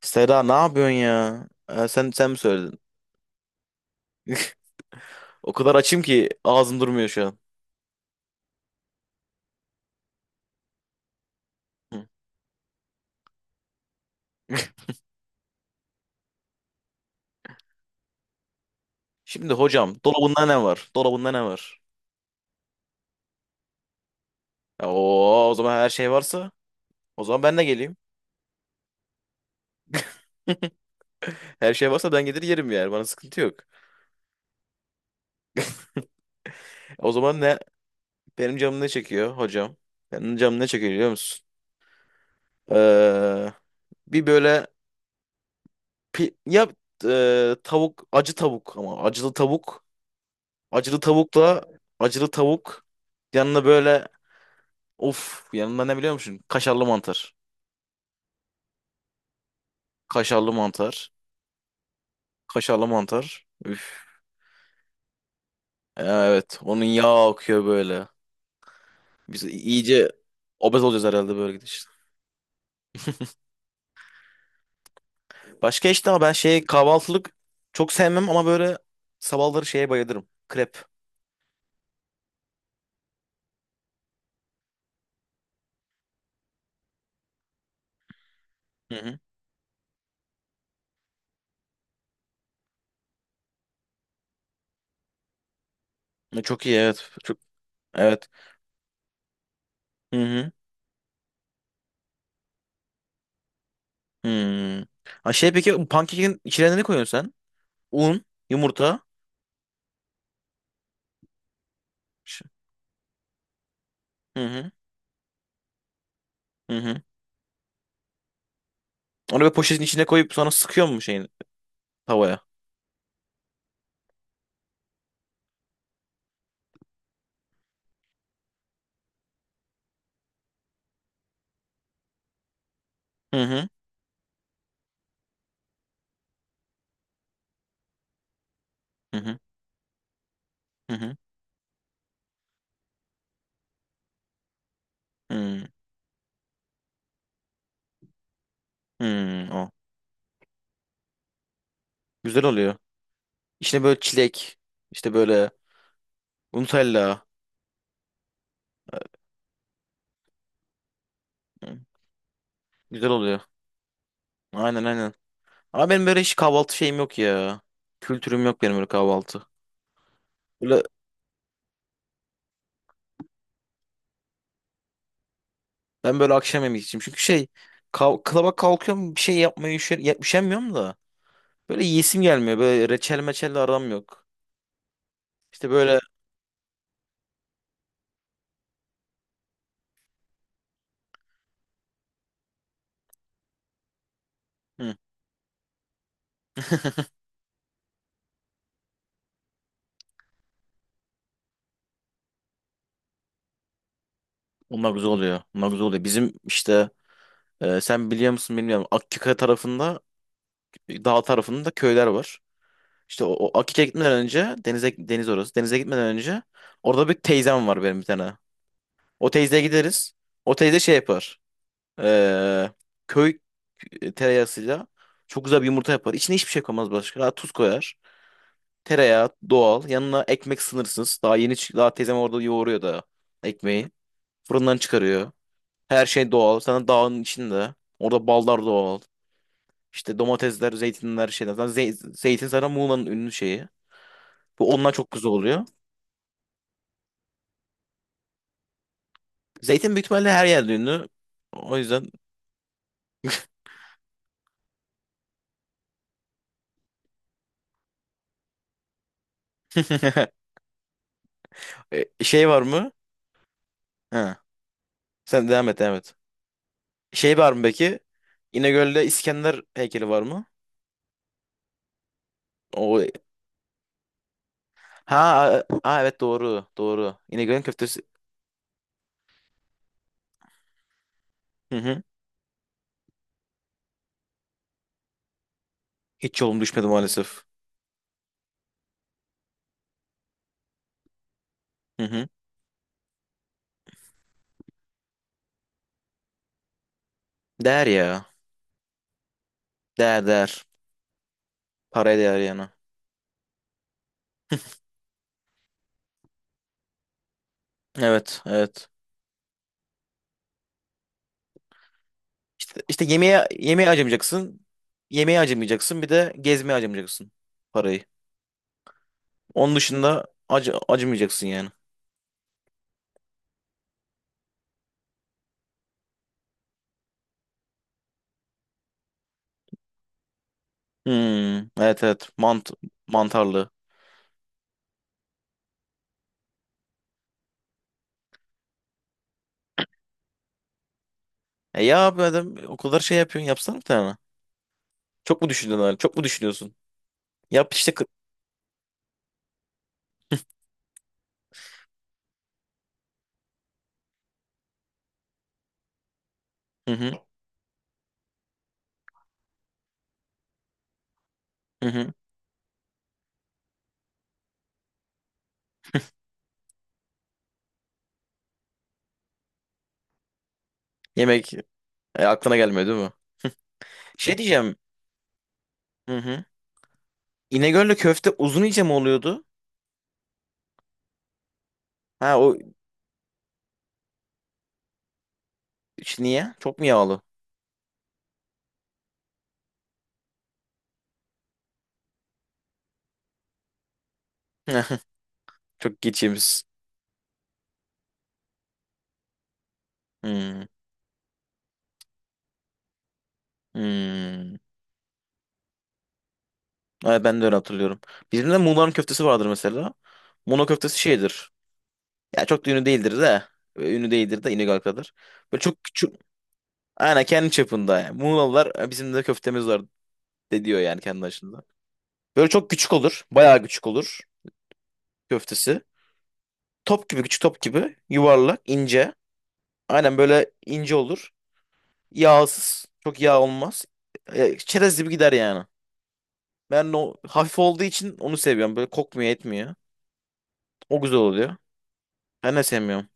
Seda ne yapıyorsun ya? Sen mi söyledin? O kadar açım ki ağzım durmuyor şu an. Hı. Şimdi hocam dolabında ne var? Dolabında ne var? Ya, oo, o zaman her şey varsa o zaman ben de geleyim. Her şey varsa ben gelir yerim, yani bana sıkıntı yok. O zaman ne? Benim canım ne çekiyor hocam? Benim canım ne çekiyor biliyor musun? Ee, bir böyle ya tavuk acı tavuk ama acılı tavuk acılı tavukla acılı tavuk yanına böyle. Of, yanında ne biliyor musun? Kaşarlı mantar. Kaşarlı mantar. Kaşarlı mantar. Üf. Evet, onun yağı akıyor böyle. Biz iyice obez olacağız herhalde böyle gidişte. Başka işte ama ben şey kahvaltılık çok sevmem, ama böyle sabahları şeye bayılırım. Krep. Hı hı. E, çok iyi, evet. Çok evet. Hı hı. Hmm. Ha şey, peki bu pankekin içine ne koyuyorsun sen? Un, yumurta. Ş- Hı hı. Hı hı. Onu böyle poşetin içine koyup sonra sıkıyor mu şeyin tavaya? Hı hı. Hı hı. Hı hı. Hmm, hmm, o. Güzel oluyor. İçine böyle çilek, işte böyle Nutella. Hmm, güzel oluyor. Aynen aynen. Ama benim böyle hiç kahvaltı şeyim yok ya. Kültürüm yok benim böyle kahvaltı. Böyle, ben böyle akşam yemek için. Çünkü şey, kalaba kalkıyorum bir şey yapmaya, üşer, üşenmiyorum da. Böyle yiyesim gelmiyor. Böyle reçel meçelle aram yok. İşte böyle hı, onlar güzel oluyor. Onlar güzel oluyor. Bizim işte sen biliyor musun bilmiyorum. Akkika tarafında, dağ tarafında köyler var. İşte o Akik'e gitmeden önce denize, deniz orası. Denize gitmeden önce orada bir teyzem var benim, bir tane. O teyzeye gideriz. O teyze şey yapar. Ee, Köy tereyağısıyla çok güzel bir yumurta yapar. İçine hiçbir şey koymaz başka. Tuz koyar. Tereyağı doğal. Yanına ekmek sınırsız. Daha teyzem orada yoğuruyor da ekmeği. Fırından çıkarıyor. Her şey doğal. Sana dağın içinde. Orada ballar doğal. İşte domatesler, zeytinler, şeyler. Zaten zeytin zaten Muğla'nın ünlü şeyi. Bu ondan çok güzel oluyor. Zeytin büyük ihtimalle her yerde ünlü. O yüzden. E, şey var mı? Ha. Sen devam et, devam et. Şey var mı peki? İnegöl'de İskender heykeli var mı? O ha, evet doğru, doğru. İnegöl'ün köftesi. Hı hı. Hiç yolum düşmedi maalesef. Hı hı. Değer ya. Değer değer. Paraya değer yani. Evet, evet. İşte, yemeğe acımayacaksın. Yemeğe acımayacaksın. Bir de gezmeye acımayacaksın parayı. Onun dışında acımayacaksın yani. Hmm, evet, evet, mantarlı. E ya abi, adam o kadar şey yapıyorsun, yapsana bir tane. Çok mu düşündün öyle? Çok mu düşünüyorsun? Yap işte. Hı hı hı hı. Yemek aklına gelmiyor değil mi? Şey diyeceğim. Hı hı. İnegöl'le köfte uzun, iyice mi oluyordu? Ha o işte, niye? Çok mu yağlı? Çok geçiyoruz. Hmm, hmm. Evet, ben de öyle hatırlıyorum. Bizim de Muğla'nın köftesi vardır mesela. Muğla köftesi şeydir. Ya çok da ünlü değildir de. Ünlü değildir de İnegöl kadar. Böyle çok küçük. Aynen, kendi çapında yani. Muğlalılar "E, bizim de köftemiz var" de diyor yani kendi başında. Böyle çok küçük olur. Bayağı küçük olur köftesi. Top gibi küçük, top gibi yuvarlak, ince. Aynen böyle ince olur. Yağsız. Çok yağ olmaz. E, çerez gibi gider yani. Ben de o hafif olduğu için onu seviyorum. Böyle kokmuyor, etmiyor. O güzel oluyor. Ben de sevmiyorum.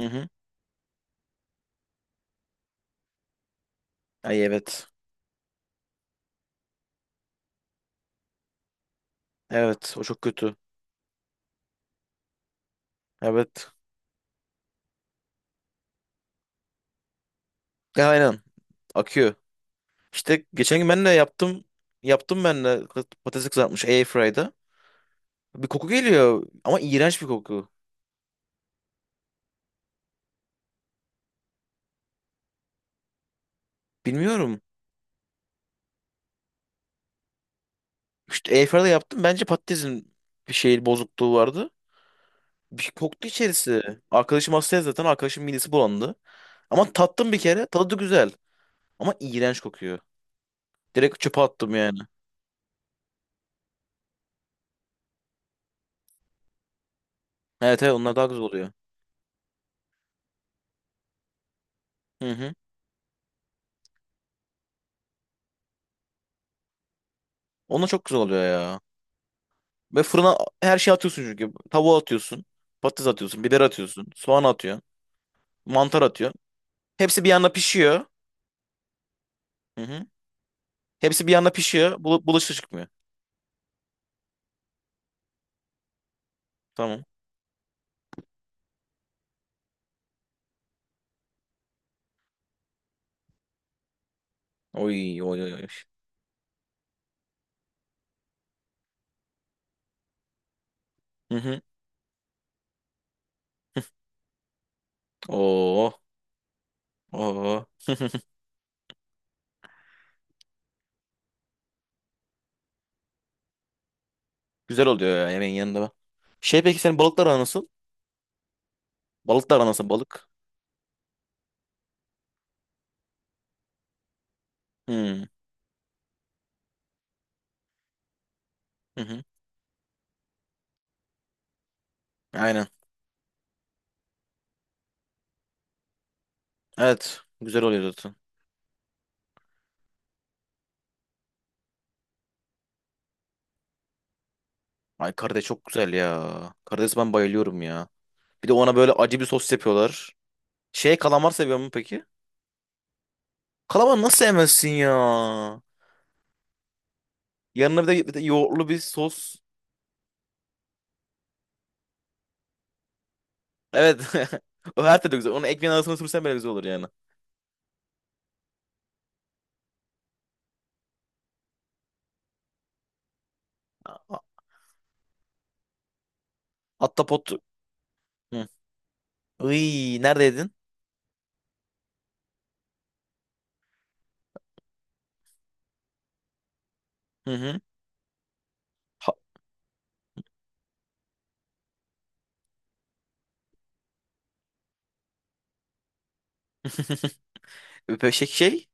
Hı hı. Ay, evet. Evet, o çok kötü. Evet. Ya, aynen. Akıyor. İşte geçen gün ben de yaptım. Yaptım ben de, patates kızartmış airfryer'da. Bir koku geliyor ama, iğrenç bir koku. Bilmiyorum. İşte airfryer'da yaptım. Bence patatesin bir şey bozukluğu vardı. Bir koktu içerisi. Arkadaşım hastaya, zaten arkadaşım midesi bulandı. Ama tattım bir kere. Tadı da güzel. Ama iğrenç kokuyor. Direkt çöpe attım yani. Evet, evet, onlar daha güzel oluyor. Hı hı. Onlar çok güzel oluyor ya. Ve fırına her şeyi atıyorsun çünkü. Tavuğu atıyorsun. Patates atıyorsun. Biber atıyorsun. Soğan atıyorsun. Mantar atıyorsun. Hepsi bir yanda pişiyor. Hı hı. Hepsi bir yanda pişiyor. Bulaşık çıkmıyor. Tamam. Oy oy oy. Oy. Hı hı. Oo. Oo. Güzel oluyor ya yemeğin yanında. Bak. Şey peki, senin balıklar aran nasıl? Balıklar aran nasıl balık? Hmm. Hı hı. Aynen. Evet. Güzel oluyor zaten. Ay karides çok güzel ya. Karides, ben bayılıyorum ya. Bir de ona böyle acı bir sos yapıyorlar. Şey kalamar seviyor mu peki? Kalamar nasıl sevmezsin ya? Yanına bir de, bir de yoğurtlu bir sos. Evet. O her türlü güzel. Onu ekmeğin arasına sürsen bile güzel olur yani. A- Atta pot. Hı. Iy, neredeydin? Hı hı. Ha- Öpeşek şey,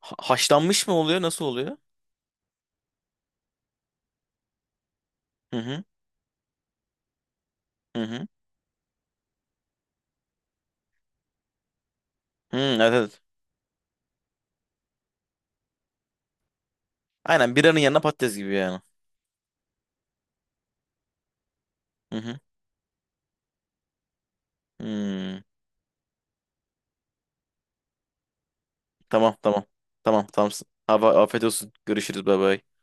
haşlanmış mı oluyor? Nasıl oluyor? Hı hı. Hı hı. Hı, evet, evet. Aynen, biranın yanına patates gibi yani. Hı hı. Hmm. Tamam, tamam. Tamam, tamam. Abi, afiyet olsun. Görüşürüz. Bay bay.